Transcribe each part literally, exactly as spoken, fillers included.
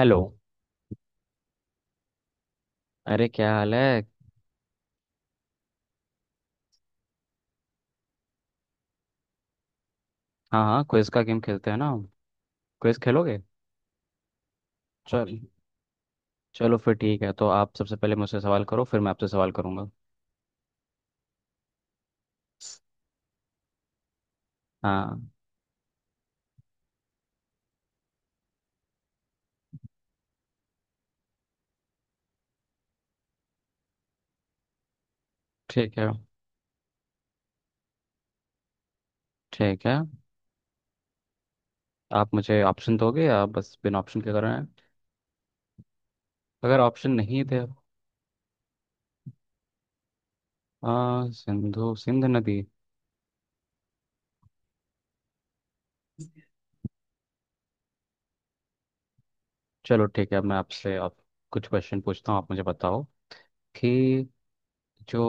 Hello. अरे, क्या हाल है? हाँ हाँ, क्विज का गेम खेलते हैं ना? क्विज खेलोगे? चल, चलो फिर ठीक है। तो आप सबसे पहले मुझसे सवाल करो, फिर मैं आपसे सवाल करूँगा। हाँ, ठीक है। ठीक है, आप मुझे ऑप्शन दोगे या बस बिना ऑप्शन के कर रहे हैं? अगर ऑप्शन नहीं दे- आ, सिंधु सिंध नदी। चलो ठीक है, मैं आपसे आप कुछ क्वेश्चन पूछता हूँ, आप मुझे बताओ कि जो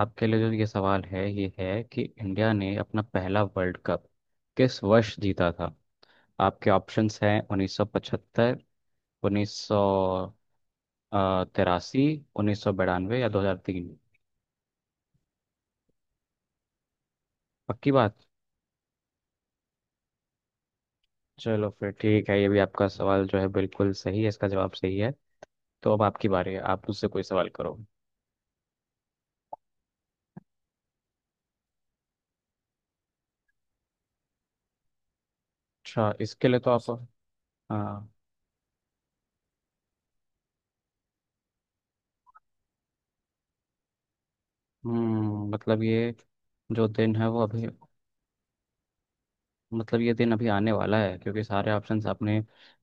आपके लिए जो ये सवाल है ये है कि इंडिया ने अपना पहला वर्ल्ड कप किस वर्ष जीता था। आपके ऑप्शंस हैं उन्नीस सौ पचहत्तर, उन्नीस सौ तिरासी, उन्नीस सौ बयानवे या दो हजार तीन। पक्की बात? चलो फिर ठीक है, ये भी आपका सवाल जो है बिल्कुल सही है, इसका जवाब सही है। तो अब आपकी बारी है, आप मुझसे कोई सवाल करो। अच्छा, इसके लिए तो आप- हाँ। हम्म, मतलब ये जो दिन है वो अभी- मतलब ये दिन अभी आने वाला है, क्योंकि सारे ऑप्शंस आपने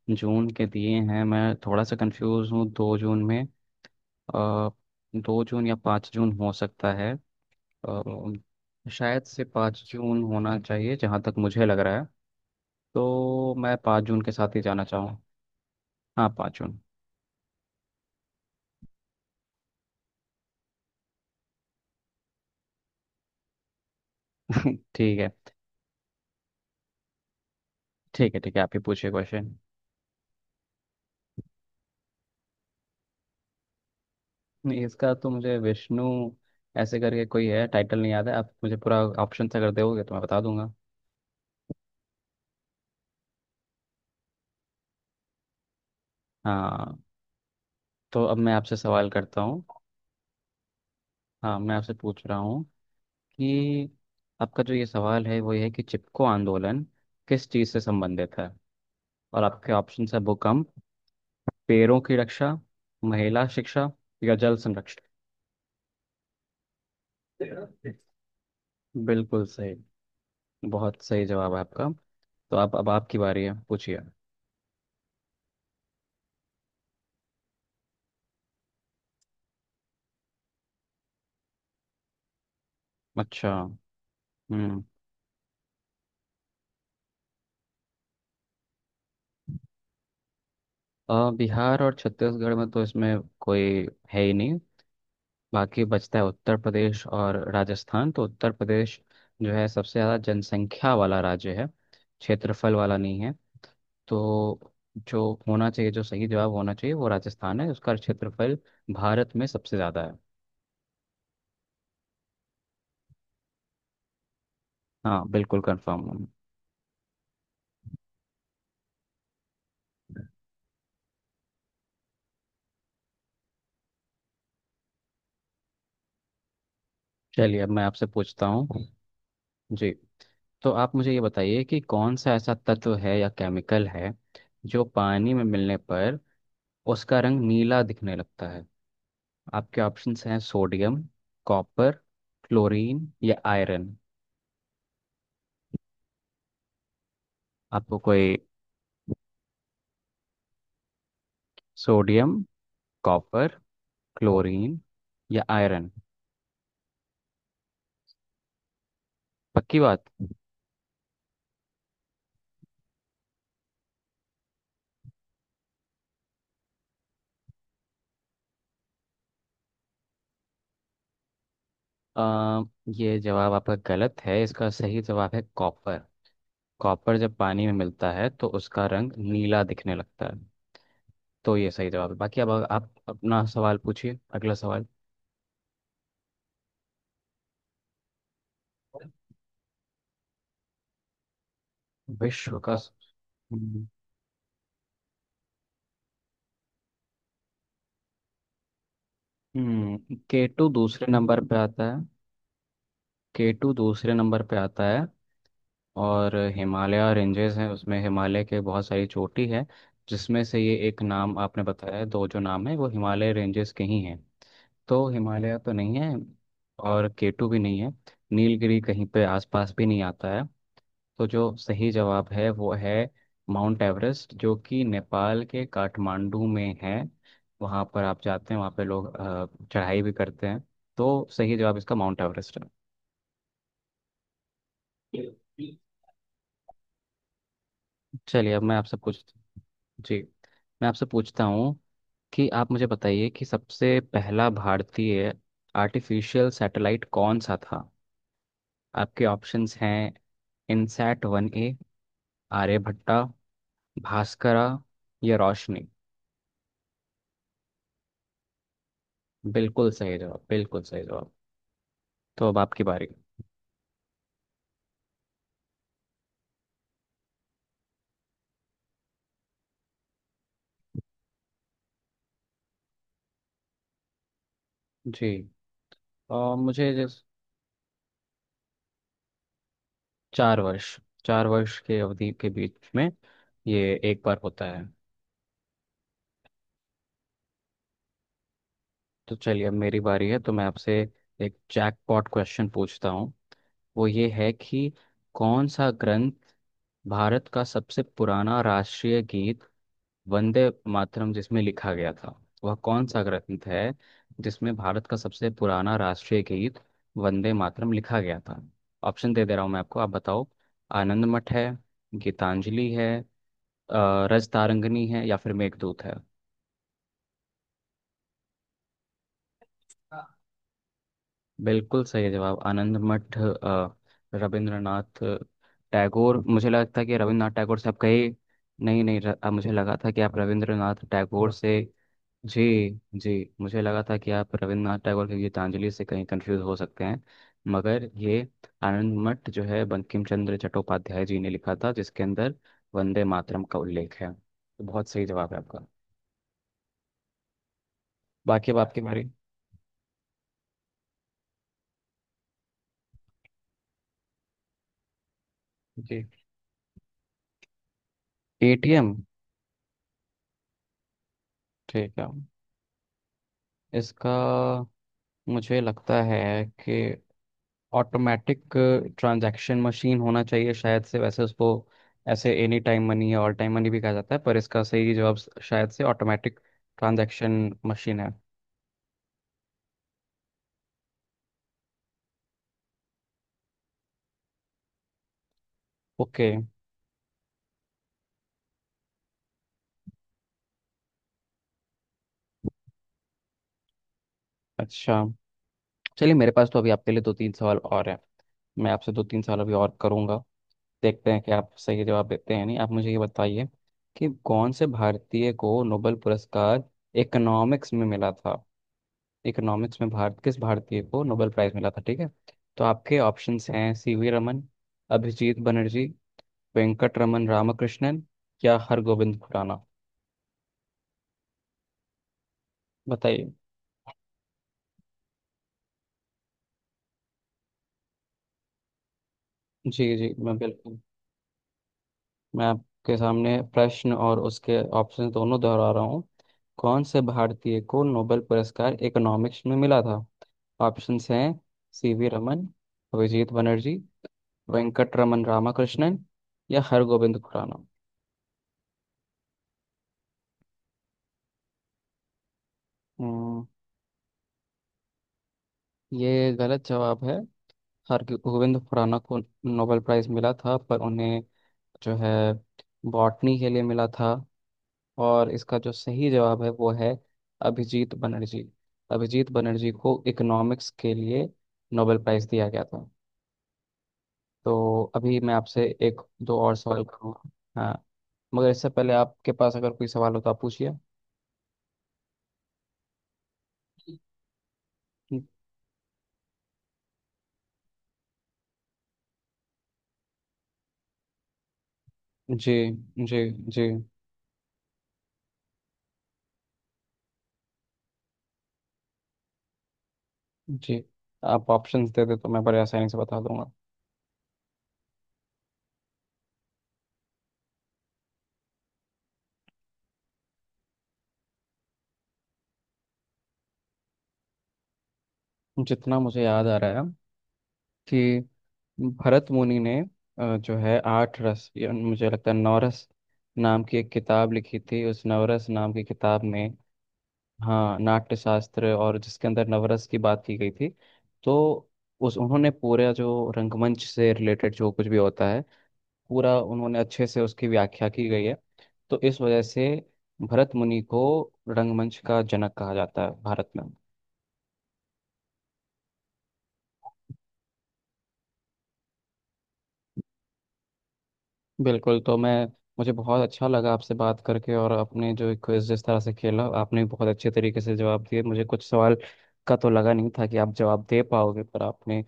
जून के दिए हैं। मैं थोड़ा सा कंफ्यूज हूँ, दो जून में अ, दो जून या पाँच जून हो सकता है। अ, शायद से पाँच जून होना चाहिए, जहाँ तक मुझे लग रहा है। तो मैं पाँच जून के साथ ही जाना चाहूँ। हाँ, पाँच जून। ठीक है। ठीक है ठीक है, आप ही पूछिए क्वेश्चन। नहीं, इसका तो मुझे विष्णु ऐसे करके कोई है, टाइटल नहीं याद है। आप मुझे पूरा ऑप्शन अगर दोगे तो मैं बता दूंगा। हाँ, तो अब मैं आपसे सवाल करता हूँ। हाँ, मैं आपसे पूछ रहा हूँ कि आपका जो ये सवाल है वो ये है कि चिपको आंदोलन किस चीज़ से संबंधित है। और आपके ऑप्शन है भूकंप, पेड़ों की रक्षा, महिला शिक्षा या जल संरक्षण। बिल्कुल सही, बहुत सही जवाब है आपका। तो आप अब आपकी बारी है, पूछिए। अच्छा। हम्म। अ, बिहार और छत्तीसगढ़ में तो इसमें कोई है ही नहीं। बाकी बचता है उत्तर प्रदेश और राजस्थान, तो उत्तर प्रदेश जो है सबसे ज़्यादा जनसंख्या वाला राज्य है, क्षेत्रफल वाला नहीं है। तो जो होना चाहिए, जो सही जवाब होना चाहिए वो राजस्थान है। उसका क्षेत्रफल भारत में सबसे ज़्यादा है। हाँ, बिल्कुल कंफर्म हूँ। चलिए अब मैं आपसे पूछता हूँ। जी, तो आप मुझे ये बताइए कि कौन सा ऐसा तत्व है या केमिकल है जो पानी में मिलने पर उसका रंग नीला दिखने लगता है। आपके ऑप्शंस हैं सोडियम, कॉपर, क्लोरीन या आयरन। आपको कोई- सोडियम, कॉपर, क्लोरीन या आयरन। पक्की बात? अ, ये जवाब आपका गलत है, इसका सही जवाब है कॉपर। कॉपर जब पानी में मिलता है तो उसका रंग नीला दिखने लगता है। तो ये सही जवाब है। बाकी अब आप अपना सवाल पूछिए, अगला सवाल। विश्व का- हम्म। हम्म, के टू दूसरे नंबर पे आता है। के टू दूसरे नंबर पे आता है। और हिमालय रेंजेस हैं, उसमें हिमालय के बहुत सारी चोटी है, जिसमें से ये एक नाम आपने बताया है, दो जो नाम है वो हिमालय रेंजेस के ही हैं। तो हिमालय तो नहीं है, और के टू भी नहीं है। नीलगिरी कहीं पे आसपास भी नहीं आता है। तो जो सही जवाब है वो है माउंट एवरेस्ट, जो कि नेपाल के काठमांडू में है। वहाँ पर आप जाते हैं, वहाँ पे लोग अ, चढ़ाई भी करते हैं। तो सही जवाब इसका माउंट एवरेस्ट है। चलिए अब मैं आपसे पूछ- जी, मैं आपसे पूछता हूँ कि आप मुझे बताइए कि सबसे पहला भारतीय आर्टिफिशियल सैटेलाइट कौन सा था। आपके ऑप्शंस हैं INSAT one A, Aryabhata, Bhaskara या रोशनी। बिल्कुल सही जवाब, बिल्कुल सही जवाब। तो अब आपकी बारी। जी, अ, मुझे जिस- चार वर्ष। चार वर्ष के अवधि के बीच में ये एक बार होता है। तो चलिए अब मेरी बारी है, तो मैं आपसे एक जैकपॉट क्वेश्चन पूछता हूँ। वो ये है कि कौन सा ग्रंथ- भारत का सबसे पुराना राष्ट्रीय गीत वंदे मातरम जिसमें लिखा गया था, वह कौन सा ग्रंथ है जिसमें भारत का सबसे पुराना राष्ट्रीय गीत वंदे मातरम लिखा गया था। ऑप्शन दे दे रहा हूँ मैं आपको, आप बताओ। आनंद मठ है, गीतांजलि है, अ, रजतारंगिणी है या फिर मेघदूत है। बिल्कुल सही जवाब, आनंद मठ। अ, रविंद्रनाथ टैगोर, मुझे लगता है कि रविंद्रनाथ टैगोर से आप कहे- नहीं नहीं, र, अ, मुझे लगा था कि आप रविंद्रनाथ टैगोर से- जी, जी, मुझे लगा था कि आप रविंद्रनाथ टैगोर की गीतांजलि से कहीं कंफ्यूज हो सकते हैं, मगर ये आनंद मठ जो है बंकिम चंद्र चट्टोपाध्याय जी ने लिखा था, जिसके अंदर वंदे मातरम का उल्लेख है। तो बहुत सही जवाब है आपका। बाकी अब आपकी बारी। जी। A T M. ठीक है, इसका मुझे लगता है कि ऑटोमेटिक ट्रांजैक्शन मशीन होना चाहिए शायद से। वैसे उसको ऐसे एनी टाइम मनी या ऑल टाइम मनी भी कहा जाता है, पर इसका सही जवाब शायद से ऑटोमेटिक ट्रांजैक्शन मशीन है। ओके। अच्छा। चलिए, मेरे पास तो अभी आपके लिए दो तीन सवाल और हैं, मैं आपसे दो तीन सवाल अभी और करूंगा। देखते हैं कि आप सही जवाब देते हैं या नहीं। आप मुझे ये बताइए कि कौन से भारतीय को नोबेल पुरस्कार इकोनॉमिक्स में मिला था। इकोनॉमिक्स में भारत- किस भारतीय को नोबेल प्राइज मिला था, ठीक है? तो आपके ऑप्शंस हैं सी वी रमन, अभिजीत बनर्जी, वेंकट रमन रामकृष्णन या हरगोविंद खुराना। बताइए। जी जी, मैं बिल्कुल- मैं आपके सामने प्रश्न और उसके ऑप्शन दोनों दोहरा रहा हूँ। कौन से भारतीय को नोबेल पुरस्कार इकोनॉमिक्स में मिला था। ऑप्शंस हैं सीवी रमन, अभिजीत बनर्जी, वेंकट रमन रामकृष्णन या हरगोविंद खुराना। हम्म, ये गलत जवाब है। हरगोविंद खुराना को नोबेल प्राइज मिला था, पर उन्हें जो है बॉटनी के लिए मिला था। और इसका जो सही जवाब है वो है अभिजीत बनर्जी। अभिजीत बनर्जी को इकोनॉमिक्स के लिए नोबेल प्राइज दिया गया था। तो अभी मैं आपसे एक दो और सवाल करूँगा। हाँ, मगर इससे पहले आपके पास अगर कोई सवाल हो तो आप पूछिए। जी, जी, जी, जी, आप ऑप्शंस दे दे तो मैं बड़े आसानी से बता दूंगा। जितना मुझे याद आ रहा है कि भरत मुनि ने अ, जो है आठ रस या मुझे लगता है नवरस नाम की एक किताब लिखी थी। उस नवरस नाम की किताब में- हाँ, नाट्य शास्त्र। और जिसके अंदर नवरस की बात की गई थी, तो उस उन्होंने पूरा जो रंगमंच से रिलेटेड जो कुछ भी होता है पूरा उन्होंने अच्छे से उसकी व्याख्या की गई है। तो इस वजह से भरत मुनि को रंगमंच का जनक कहा जाता है भारत में। बिल्कुल, तो मैं मुझे बहुत अच्छा लगा आपसे बात करके, और अपने जो क्विज जिस तरह से खेला, आपने भी बहुत अच्छे तरीके से जवाब दिए। मुझे कुछ सवाल का तो लगा नहीं था कि आप जवाब दे पाओगे, पर आपने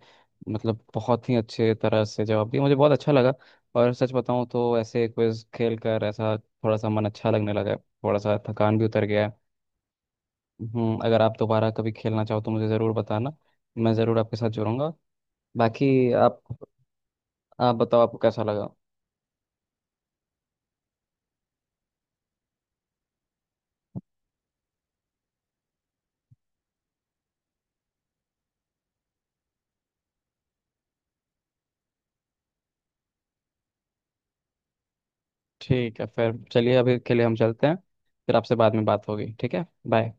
मतलब बहुत ही अच्छे तरह से जवाब दिया, मुझे बहुत अच्छा लगा। और सच बताऊं तो ऐसे क्विज खेल कर ऐसा थोड़ा सा मन अच्छा लगने लगा है, थोड़ा सा थकान भी उतर गया है। हम्म, अगर आप दोबारा कभी खेलना चाहो तो मुझे ज़रूर बताना, मैं ज़रूर आपके साथ जुड़ूंगा। बाकी आप- आप बताओ आपको कैसा लगा। ठीक है, फिर चलिए अभी के लिए हम चलते हैं, फिर आपसे बाद में बात होगी। ठीक है, बाय।